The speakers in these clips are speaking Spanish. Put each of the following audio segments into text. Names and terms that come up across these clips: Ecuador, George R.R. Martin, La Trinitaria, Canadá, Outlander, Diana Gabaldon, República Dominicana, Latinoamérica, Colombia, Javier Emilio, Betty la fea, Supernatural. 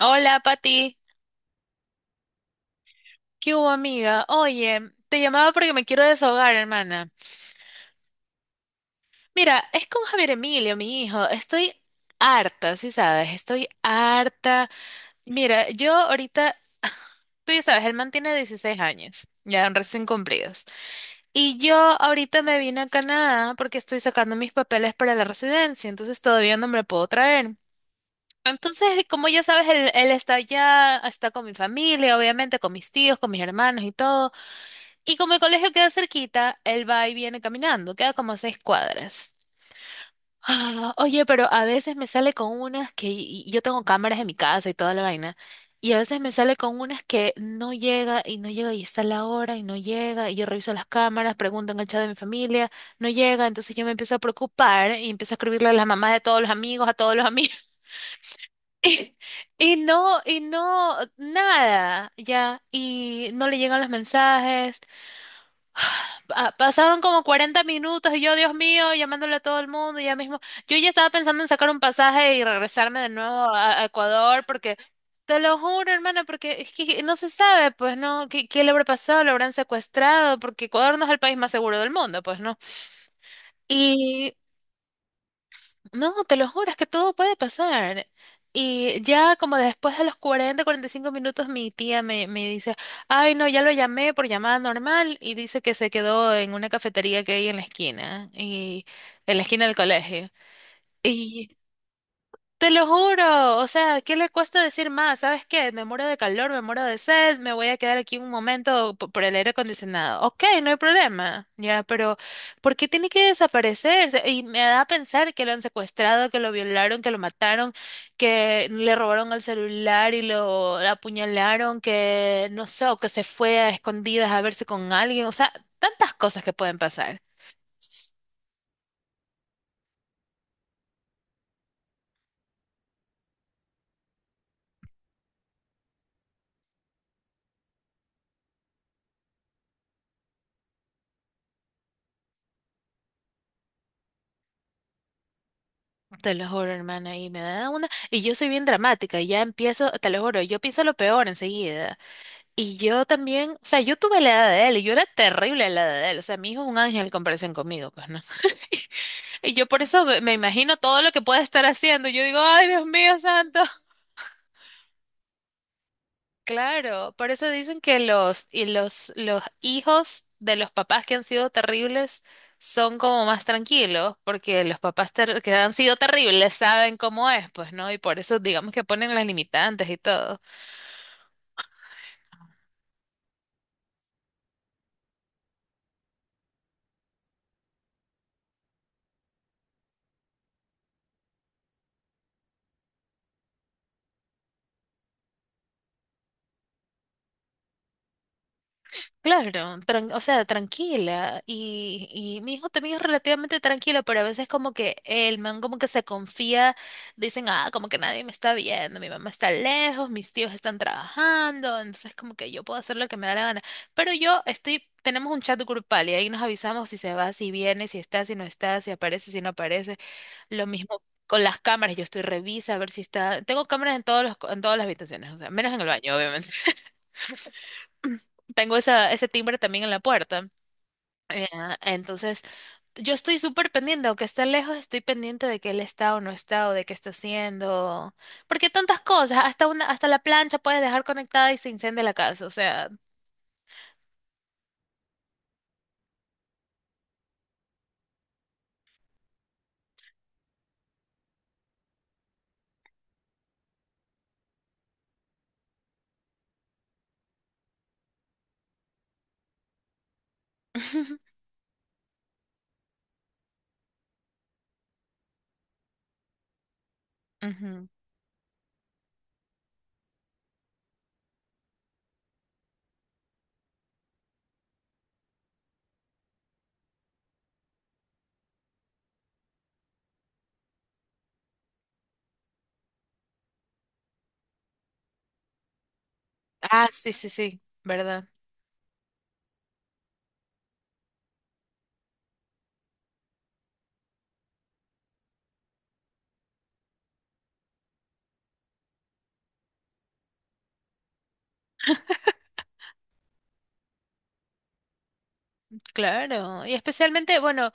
Hola, Pati. ¿Qué hubo, amiga? Oye, te llamaba porque me quiero desahogar, hermana. Mira, es con Javier Emilio, mi hijo. Estoy harta, sí sabes, estoy harta. Mira, yo ahorita, tú ya sabes, el man tiene 16 años, ya recién cumplidos. Y yo ahorita me vine a Canadá porque estoy sacando mis papeles para la residencia, entonces todavía no me lo puedo traer. Entonces, como ya sabes, él está allá, está con mi familia, obviamente, con mis tíos, con mis hermanos y todo. Y como el colegio queda cerquita, él va y viene caminando, queda como a 6 cuadras. Ah, oye, pero a veces me sale con unas que y yo tengo cámaras en mi casa y toda la vaina, y a veces me sale con unas que no llega y no llega y está la hora y no llega, y yo reviso las cámaras, pregunto en el chat de mi familia, no llega, entonces yo me empiezo a preocupar y empiezo a escribirle a las mamás de todos los amigos, a todos los amigos, y, y no, y no, nada, ya, y no le llegan los mensajes. Pasaron como 40 minutos y yo, Dios mío, llamándole a todo el mundo y ya mismo. Yo ya estaba pensando en sacar un pasaje y regresarme de nuevo a Ecuador porque, te lo juro, hermana, porque es que no se sabe, pues, ¿no? ¿Qué le habrá pasado? ¿Lo habrán secuestrado? Porque Ecuador no es el país más seguro del mundo, pues, ¿no? Y no, te lo juro, es que todo puede pasar. Y ya como después de los 40, 45 minutos, mi tía me dice, ay, no, ya lo llamé por llamada normal y dice que se quedó en una cafetería que hay en la esquina, y en la esquina del colegio. Te lo juro, o sea, ¿qué le cuesta decir más? ¿Sabes qué? Me muero de calor, me muero de sed, me voy a quedar aquí un momento por el aire acondicionado. Ok, no hay problema, ya, pero ¿por qué tiene que desaparecerse? Y me da a pensar que lo han secuestrado, que lo violaron, que lo mataron, que le robaron el celular y lo apuñalaron, que no sé, o que se fue a escondidas a verse con alguien, o sea, tantas cosas que pueden pasar. Te lo juro, hermana, y me da una... Y yo soy bien dramática, y ya empiezo, te lo juro, yo pienso lo peor enseguida. Y yo también, o sea, yo tuve la edad de él, y yo era terrible a la edad de él, o sea, mi hijo es un ángel en comparación conmigo, pues, ¿no? Y yo por eso me imagino todo lo que puede estar haciendo, yo digo, ay, Dios mío, santo. Claro, por eso dicen que los hijos de los papás que han sido terribles son como más tranquilos, porque los papás que han sido terribles saben cómo es, pues, ¿no? Y por eso digamos que ponen las limitantes y todo. Claro, o sea, tranquila. Y mi hijo también es relativamente tranquilo, pero a veces como que el man como que se confía, dicen, ah, como que nadie me está viendo, mi mamá está lejos, mis tíos están trabajando, entonces como que yo puedo hacer lo que me da la gana. Pero yo estoy, tenemos un chat grupal y ahí nos avisamos si se va, si viene, si está, si no está, si aparece, si no aparece. Lo mismo con las cámaras, yo estoy revisa a ver si está. Tengo cámaras en en todas las habitaciones, o sea, menos en el baño, obviamente. Tengo esa, ese timbre también en la puerta. Entonces, yo estoy súper pendiente, aunque esté lejos, estoy pendiente de que él está o no está, o de qué está haciendo. Porque tantas cosas, hasta la plancha puedes dejar conectada y se incendia la casa, o sea. Ujú. Ah, sí, sí, sí, ¿verdad? Claro. Y especialmente, bueno,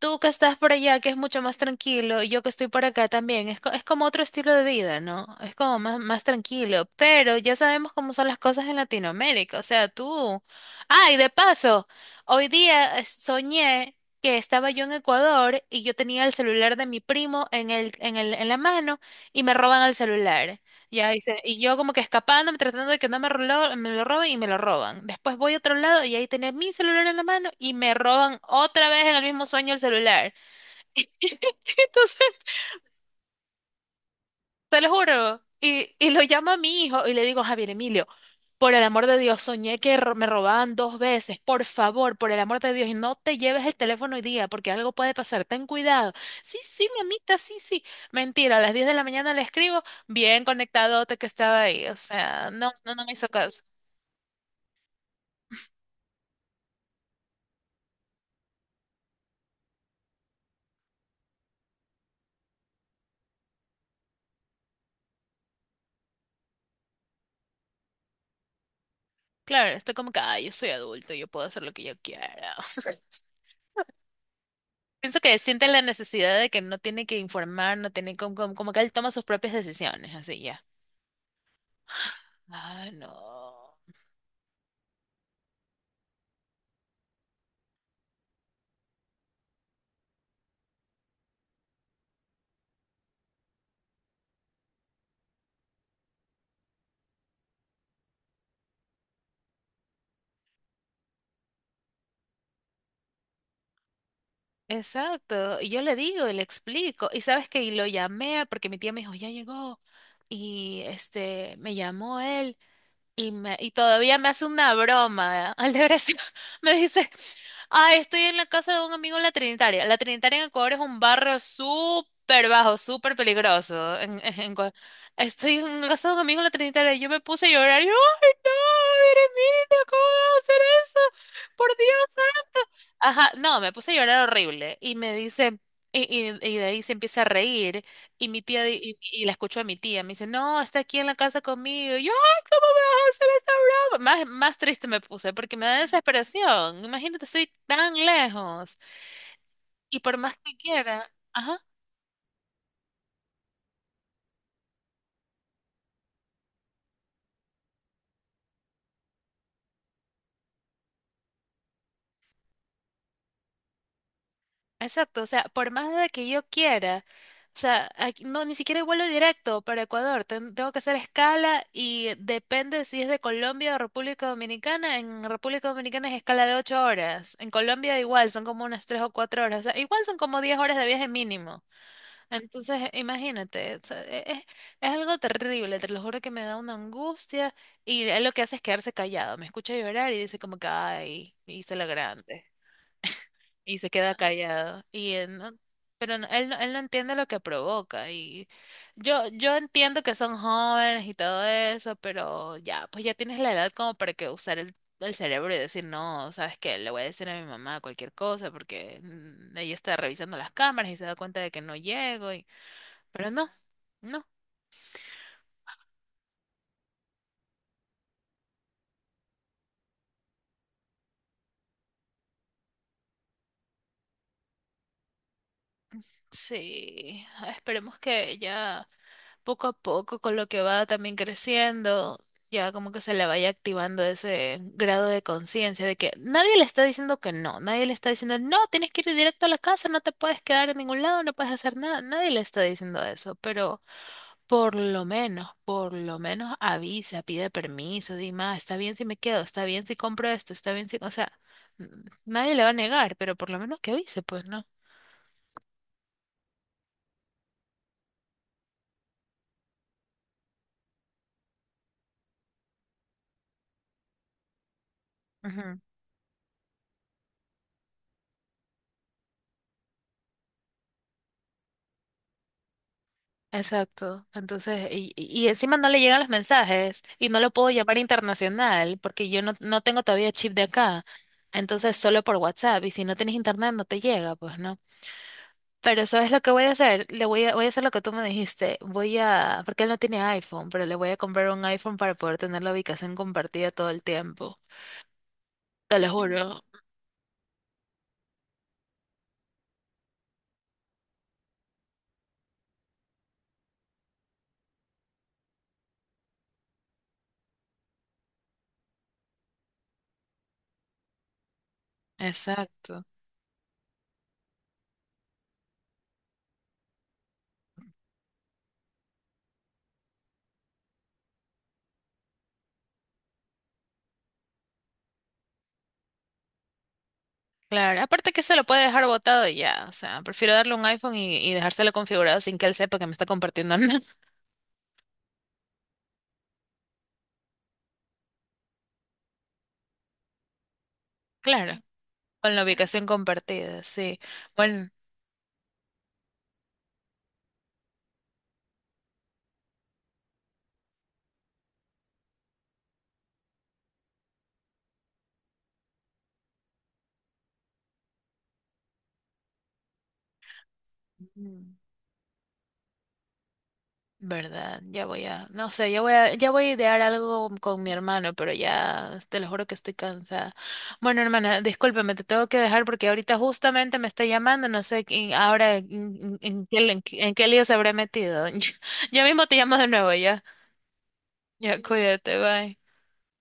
tú que estás por allá, que es mucho más tranquilo, y yo que estoy por acá también, es, es como otro estilo de vida, ¿no? Es como más, más tranquilo, pero ya sabemos cómo son las cosas en Latinoamérica, o sea, tú... Ay, de paso, hoy día soñé que estaba yo en Ecuador y yo tenía el celular de mi primo en la mano y me roban el celular. Ya dice, y yo como que escapándome, tratando de que no me lo, me lo roben y me lo roban. Después voy a otro lado y ahí tenía mi celular en la mano y me roban otra vez en el mismo sueño el celular. Y entonces, te lo juro. Y lo llamo a mi hijo y le digo, Javier Emilio, por el amor de Dios, soñé que me robaban dos veces. Por favor, por el amor de Dios, y no te lleves el teléfono hoy día porque algo puede pasar. Ten cuidado. Sí, sí, mi amita, sí, sí. Mentira, a las 10 de la mañana le escribo, bien conectadote que estaba ahí. O sea, no, no, no me hizo caso. Claro, está como que, ay, yo soy adulto, yo puedo hacer lo que yo quiera. Pienso que siente la necesidad de que no tiene que informar, no tiene como que él toma sus propias decisiones, así ya. Ah, no. Exacto. Y yo le digo y le explico. Y sabes que lo llamé porque mi tía me dijo, ya llegó. Y este, me llamó él. Y todavía me hace una broma, al Altagracia. Me dice, ay, estoy en la casa de un amigo en la Trinitaria. La Trinitaria en Ecuador es un barrio súper bajo, súper peligroso. Estoy en la casa de un amigo en la Trinitaria y yo me puse a llorar. Y yo, ay, no, mire mire ¿cómo vas a hacer eso? Por Dios. Ajá, no, me puse a llorar horrible y me dice, y, y de ahí se empieza a reír y mi tía, di- y la escucho a mi tía, me dice, no, está aquí en la casa conmigo, y yo, ay, ¿cómo me vas a hacer esta broma? Más, más triste me puse porque me da desesperación, imagínate, estoy tan lejos y por más que quiera, ajá. Exacto, o sea, por más de que yo quiera, o sea, no, ni siquiera hay vuelo directo para Ecuador, tengo que hacer escala y depende si es de Colombia o República Dominicana, en República Dominicana es escala de 8 horas, en Colombia igual son como unas 3 o 4 horas, o sea, igual son como 10 horas de viaje mínimo, entonces imagínate, o sea, es algo terrible, te lo juro que me da una angustia y él lo que hace es quedarse callado, me escucha llorar y dice como que, ay, hice lo grande y se queda callado. Y él no- pero no- él, no- Él no entiende lo que provoca. Y yo entiendo que son jóvenes y todo eso, pero ya, pues ya tienes la edad como para que usar el cerebro y decir, no, ¿sabes qué? Le voy a decir a mi mamá cualquier cosa porque ella está revisando las cámaras y se da cuenta de que no llego. Y... Pero no, no. Sí, esperemos que ella poco a poco, con lo que va también creciendo, ya como que se le vaya activando ese grado de conciencia de que nadie le está diciendo que no, nadie le está diciendo, no, tienes que ir directo a la casa, no te puedes quedar en ningún lado, no puedes hacer nada, nadie le está diciendo eso, pero por lo menos avisa, pide permiso, di más, está bien si me quedo, está bien si compro esto, está bien si, o sea, n- nadie le va a negar, pero por lo menos que avise, pues, ¿no? Exacto. Entonces, y encima no le llegan los mensajes y no lo puedo llamar internacional porque yo no, no tengo todavía chip de acá. Entonces, solo por WhatsApp y si no tienes internet no te llega, pues no. Pero ¿sabes lo que voy a hacer? Le voy a, voy a hacer lo que tú me dijiste. Voy a, porque él no tiene iPhone, pero le voy a comprar un iPhone para poder tener la ubicación compartida todo el tiempo. Te lo juro. Exacto. Claro, aparte que se lo puede dejar botado y ya, o sea, prefiero darle un iPhone y dejárselo configurado sin que él sepa que me está compartiendo nada. Claro. Con la ubicación compartida, sí. Bueno, mm, verdad, no sé, ya voy a idear algo con mi hermano, pero ya te lo juro que estoy cansada. Bueno, hermana, discúlpame, te tengo que dejar porque ahorita justamente me está llamando, no sé quién- ahora en, qué lío se habrá metido. Yo mismo te llamo de nuevo, ya. Ya, cuídate, bye.